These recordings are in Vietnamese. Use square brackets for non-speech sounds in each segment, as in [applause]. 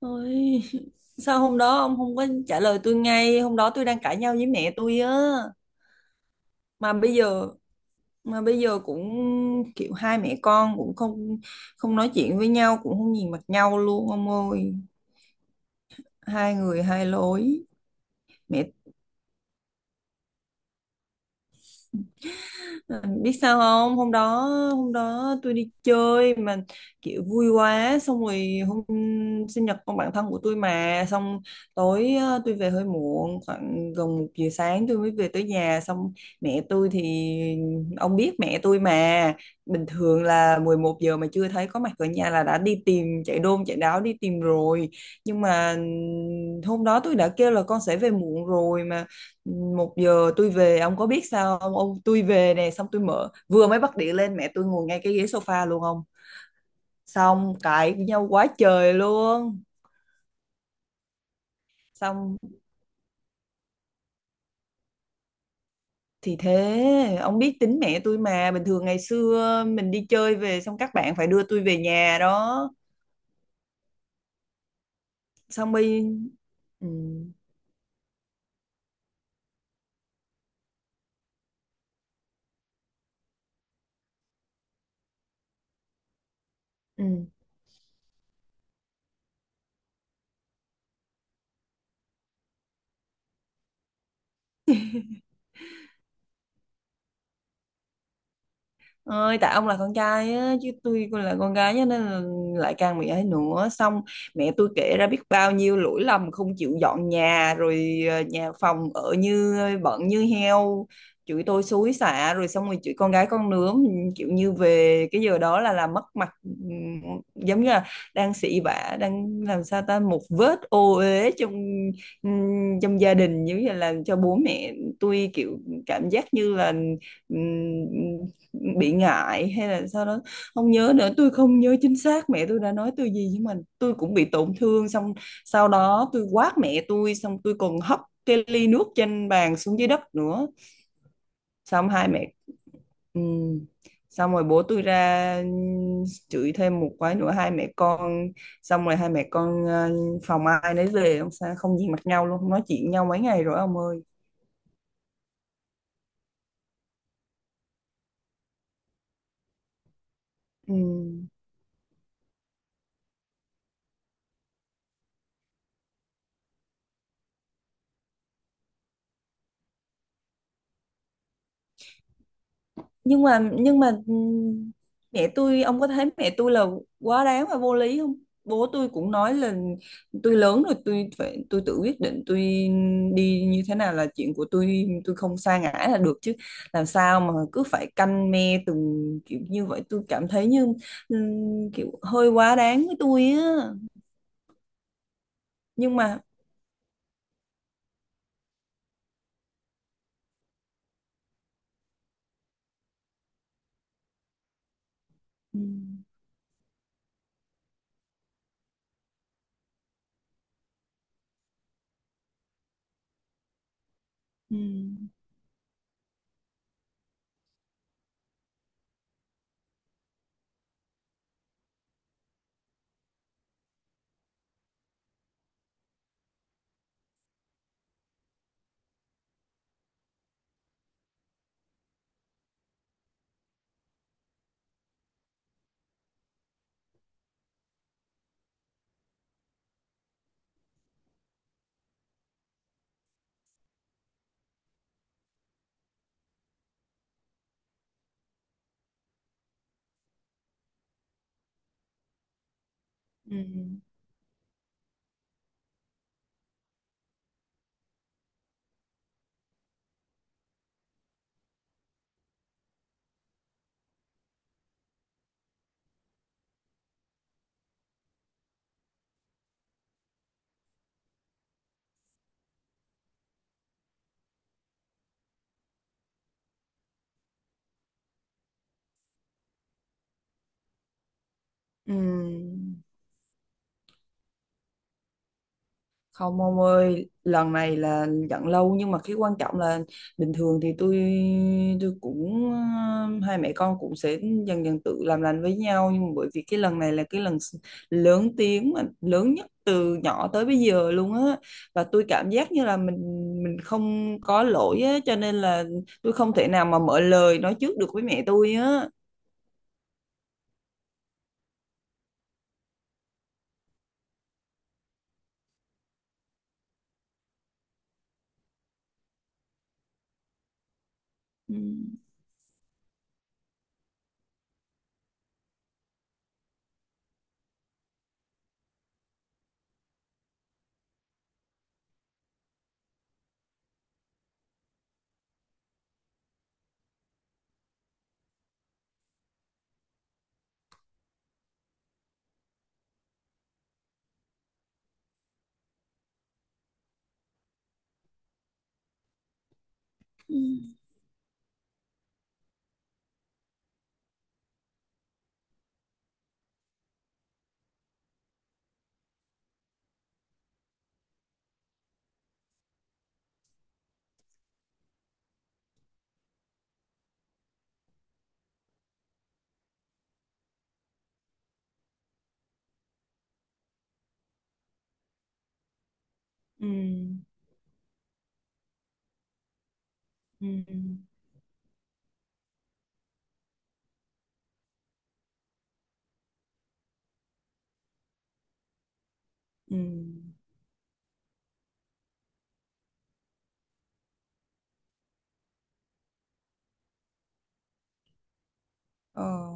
Ôi, [laughs] sao hôm đó ông không có trả lời tôi ngay, hôm đó tôi đang cãi nhau với mẹ tôi á. Mà bây giờ mà bây giờ cũng kiểu hai mẹ con cũng không không nói chuyện với nhau, cũng không nhìn mặt nhau luôn ông ơi. Hai người hai lối. Mẹ Ừ, biết sao không, hôm đó tôi đi chơi mà kiểu vui quá, xong rồi hôm sinh nhật con bạn thân của tôi mà, xong tối tôi về hơi muộn, khoảng gần 1 giờ sáng tôi mới về tới nhà. Xong mẹ tôi thì, ông biết mẹ tôi mà, bình thường là 11 giờ mà chưa thấy có mặt ở nhà là đã đi tìm, chạy đôn chạy đáo đi tìm rồi. Nhưng mà hôm đó tôi đã kêu là con sẽ về muộn rồi mà. 1 giờ tôi về, ông có biết sao không, ông tôi về nè, xong tôi mở vừa mới bắt điện lên mẹ tôi ngồi ngay cái ghế sofa luôn ông. Xong cãi nhau quá trời luôn. Xong thì thế, ông biết tính mẹ tôi mà, bình thường ngày xưa mình đi chơi về xong các bạn phải đưa tôi về nhà đó xong. Ừ, ừ. Ơi, tại ông là con trai á, chứ tôi cũng là con gái á, nên là lại càng mẹ ấy nữa. Xong mẹ tôi kể ra biết bao nhiêu lỗi lầm, không chịu dọn nhà rồi, nhà phòng ở như bận như heo, chửi tôi xối xả rồi, xong rồi chửi con gái con nướng, kiểu như về cái giờ đó là làm mất mặt, giống như là đang xị vả, đang làm sao ta, một vết ô uế trong trong gia đình, giống như là làm cho bố mẹ tôi kiểu cảm giác như là ừm, bị ngại hay là sau đó không nhớ nữa. Tôi không nhớ chính xác mẹ tôi đã nói tôi gì, nhưng mà tôi cũng bị tổn thương. Xong sau đó tôi quát mẹ tôi, xong tôi còn hất cái ly nước trên bàn xuống dưới đất nữa. Xong hai mẹ ừm, xong rồi bố tôi ra chửi thêm một cái nữa hai mẹ con. Xong rồi hai mẹ con phòng ai nấy về, không sao không nhìn mặt nhau luôn, không nói chuyện nhau mấy ngày rồi ông ơi. Ừm. Nhưng mà mẹ tôi, ông có thấy mẹ tôi là quá đáng và vô lý không? Bố tôi cũng nói là tôi lớn rồi, tôi phải tự quyết định, tôi đi như thế nào là chuyện của tôi không sa ngã là được chứ, làm sao mà cứ phải canh me từng kiểu như vậy? Tôi cảm thấy như kiểu hơi quá đáng với tôi á. Nhưng mà ừm, ừm. Ừm. Ừm. Không ông ơi, lần này là giận lâu, nhưng mà cái quan trọng là bình thường thì tôi cũng hai mẹ con cũng sẽ dần dần tự làm lành với nhau. Nhưng mà bởi vì cái lần này là cái lần lớn tiếng mà lớn nhất từ nhỏ tới bây giờ luôn á. Và tôi cảm giác như là mình không có lỗi á, cho nên là tôi không thể nào mà mở lời nói trước được với mẹ tôi á. Ừ. Ừ. Ừ. Ừ. Ừ. Ờ.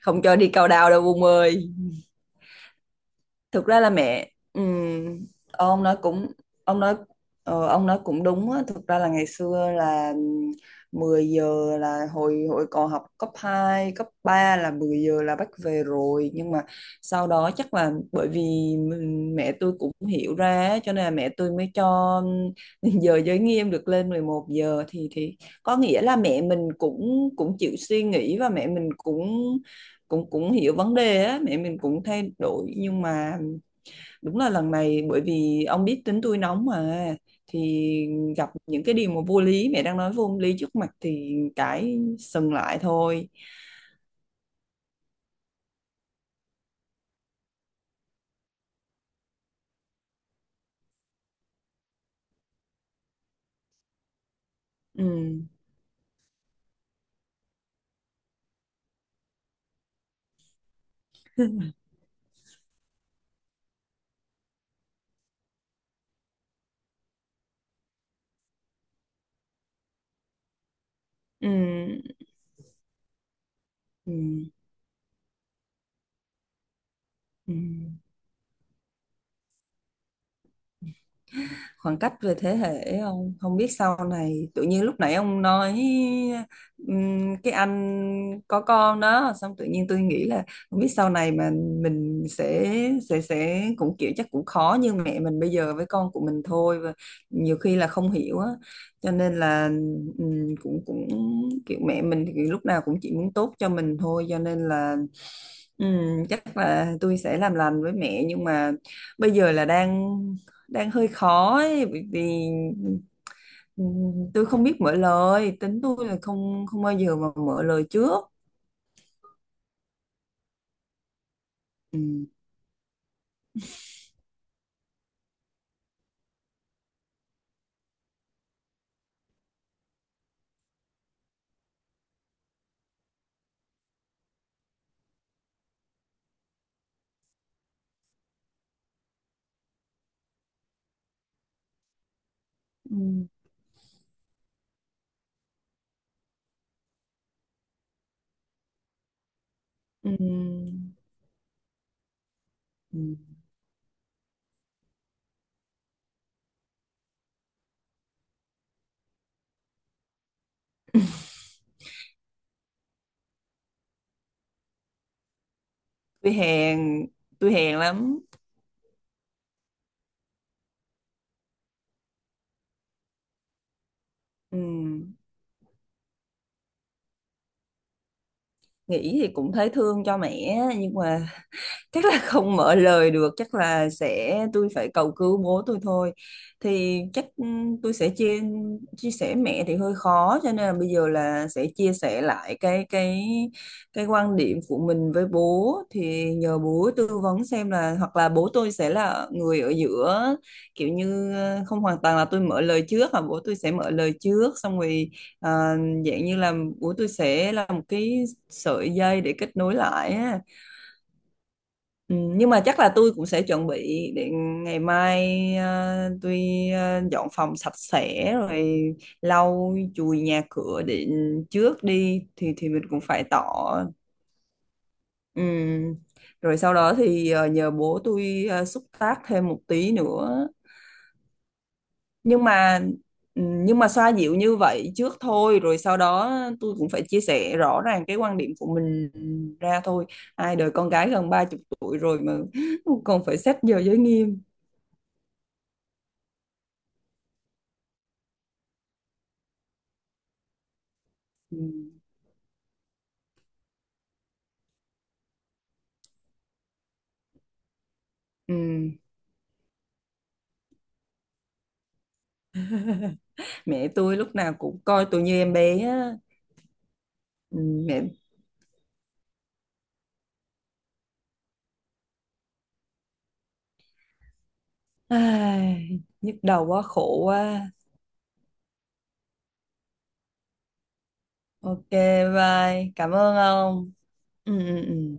Không cho đi cao đào đâu ông ơi. Thực ra là mẹ ông nói cũng ông nói ờ, ông nói cũng đúng á. Thực ra là ngày xưa là 10 giờ, là hồi hồi còn học cấp 2 cấp 3 là 10 giờ là bắt về rồi. Nhưng mà sau đó chắc là bởi vì mẹ tôi cũng hiểu ra á, cho nên là mẹ tôi mới cho [laughs] giờ giới nghiêm được lên 11 giờ, thì có nghĩa là mẹ mình cũng cũng chịu suy nghĩ, và mẹ mình cũng cũng cũng hiểu vấn đề á, mẹ mình cũng thay đổi nhưng mà... Đúng là lần này bởi vì ông biết tính tôi nóng mà, thì gặp những cái điều mà vô lý, mẹ đang nói vô lý trước mặt thì cái sừng lại thôi. Ừ. Ừ. Ừ. Ừ. Khoảng cách về thế hệ, không không biết sau này. Tự nhiên lúc nãy ông nói cái anh có con đó, xong tự nhiên tôi nghĩ là không biết sau này mà mình sẽ cũng kiểu, chắc cũng khó như mẹ mình bây giờ với con của mình thôi, và nhiều khi là không hiểu á, cho nên là cũng cũng kiểu mẹ mình thì lúc nào cũng chỉ muốn tốt cho mình thôi, cho nên là chắc là tôi sẽ làm lành với mẹ. Nhưng mà bây giờ là đang đang hơi khó ấy, bởi vì ừ, tôi không biết mở lời, tính tôi là không không bao giờ mà mở lời trước. Ừ. Ừ. Ừ. Ừ. tôi hèn tôi hèn lắm. Ừ. Nghĩ thì cũng thấy thương cho mẹ, nhưng mà chắc là không mở lời được, chắc là sẽ tôi phải cầu cứu bố tôi thôi. Thì chắc tôi sẽ chia chia sẻ mẹ thì hơi khó, cho nên là bây giờ là sẽ chia sẻ lại cái quan điểm của mình với bố, thì nhờ bố tư vấn xem là hoặc là bố tôi sẽ là người ở giữa, kiểu như không hoàn toàn là tôi mở lời trước mà bố tôi sẽ mở lời trước, xong rồi ờ, dạng như là bố tôi sẽ là một cái sợi dây để kết nối lại á. Ừ, nhưng mà chắc là tôi cũng sẽ chuẩn bị để ngày mai tôi dọn phòng sạch sẽ rồi lau chùi nhà cửa để trước đi, thì mình cũng phải tỏ. Ừ. Rồi sau đó thì nhờ bố tôi xúc tác thêm một tí nữa. Nhưng mà ừ, nhưng mà xoa dịu như vậy trước thôi, rồi sau đó tôi cũng phải chia sẻ rõ ràng cái quan điểm của mình ra thôi. Ai đời con gái gần ba chục tuổi rồi mà [laughs] còn phải xét giờ giới nghiêm! Ừ. Ừ. Mẹ tôi lúc nào cũng coi tôi như em bé á. Ừ, mẹ Ai, nhức đầu quá, khổ quá. OK, bye, cảm ơn ông. Ừ, ừ, ừ.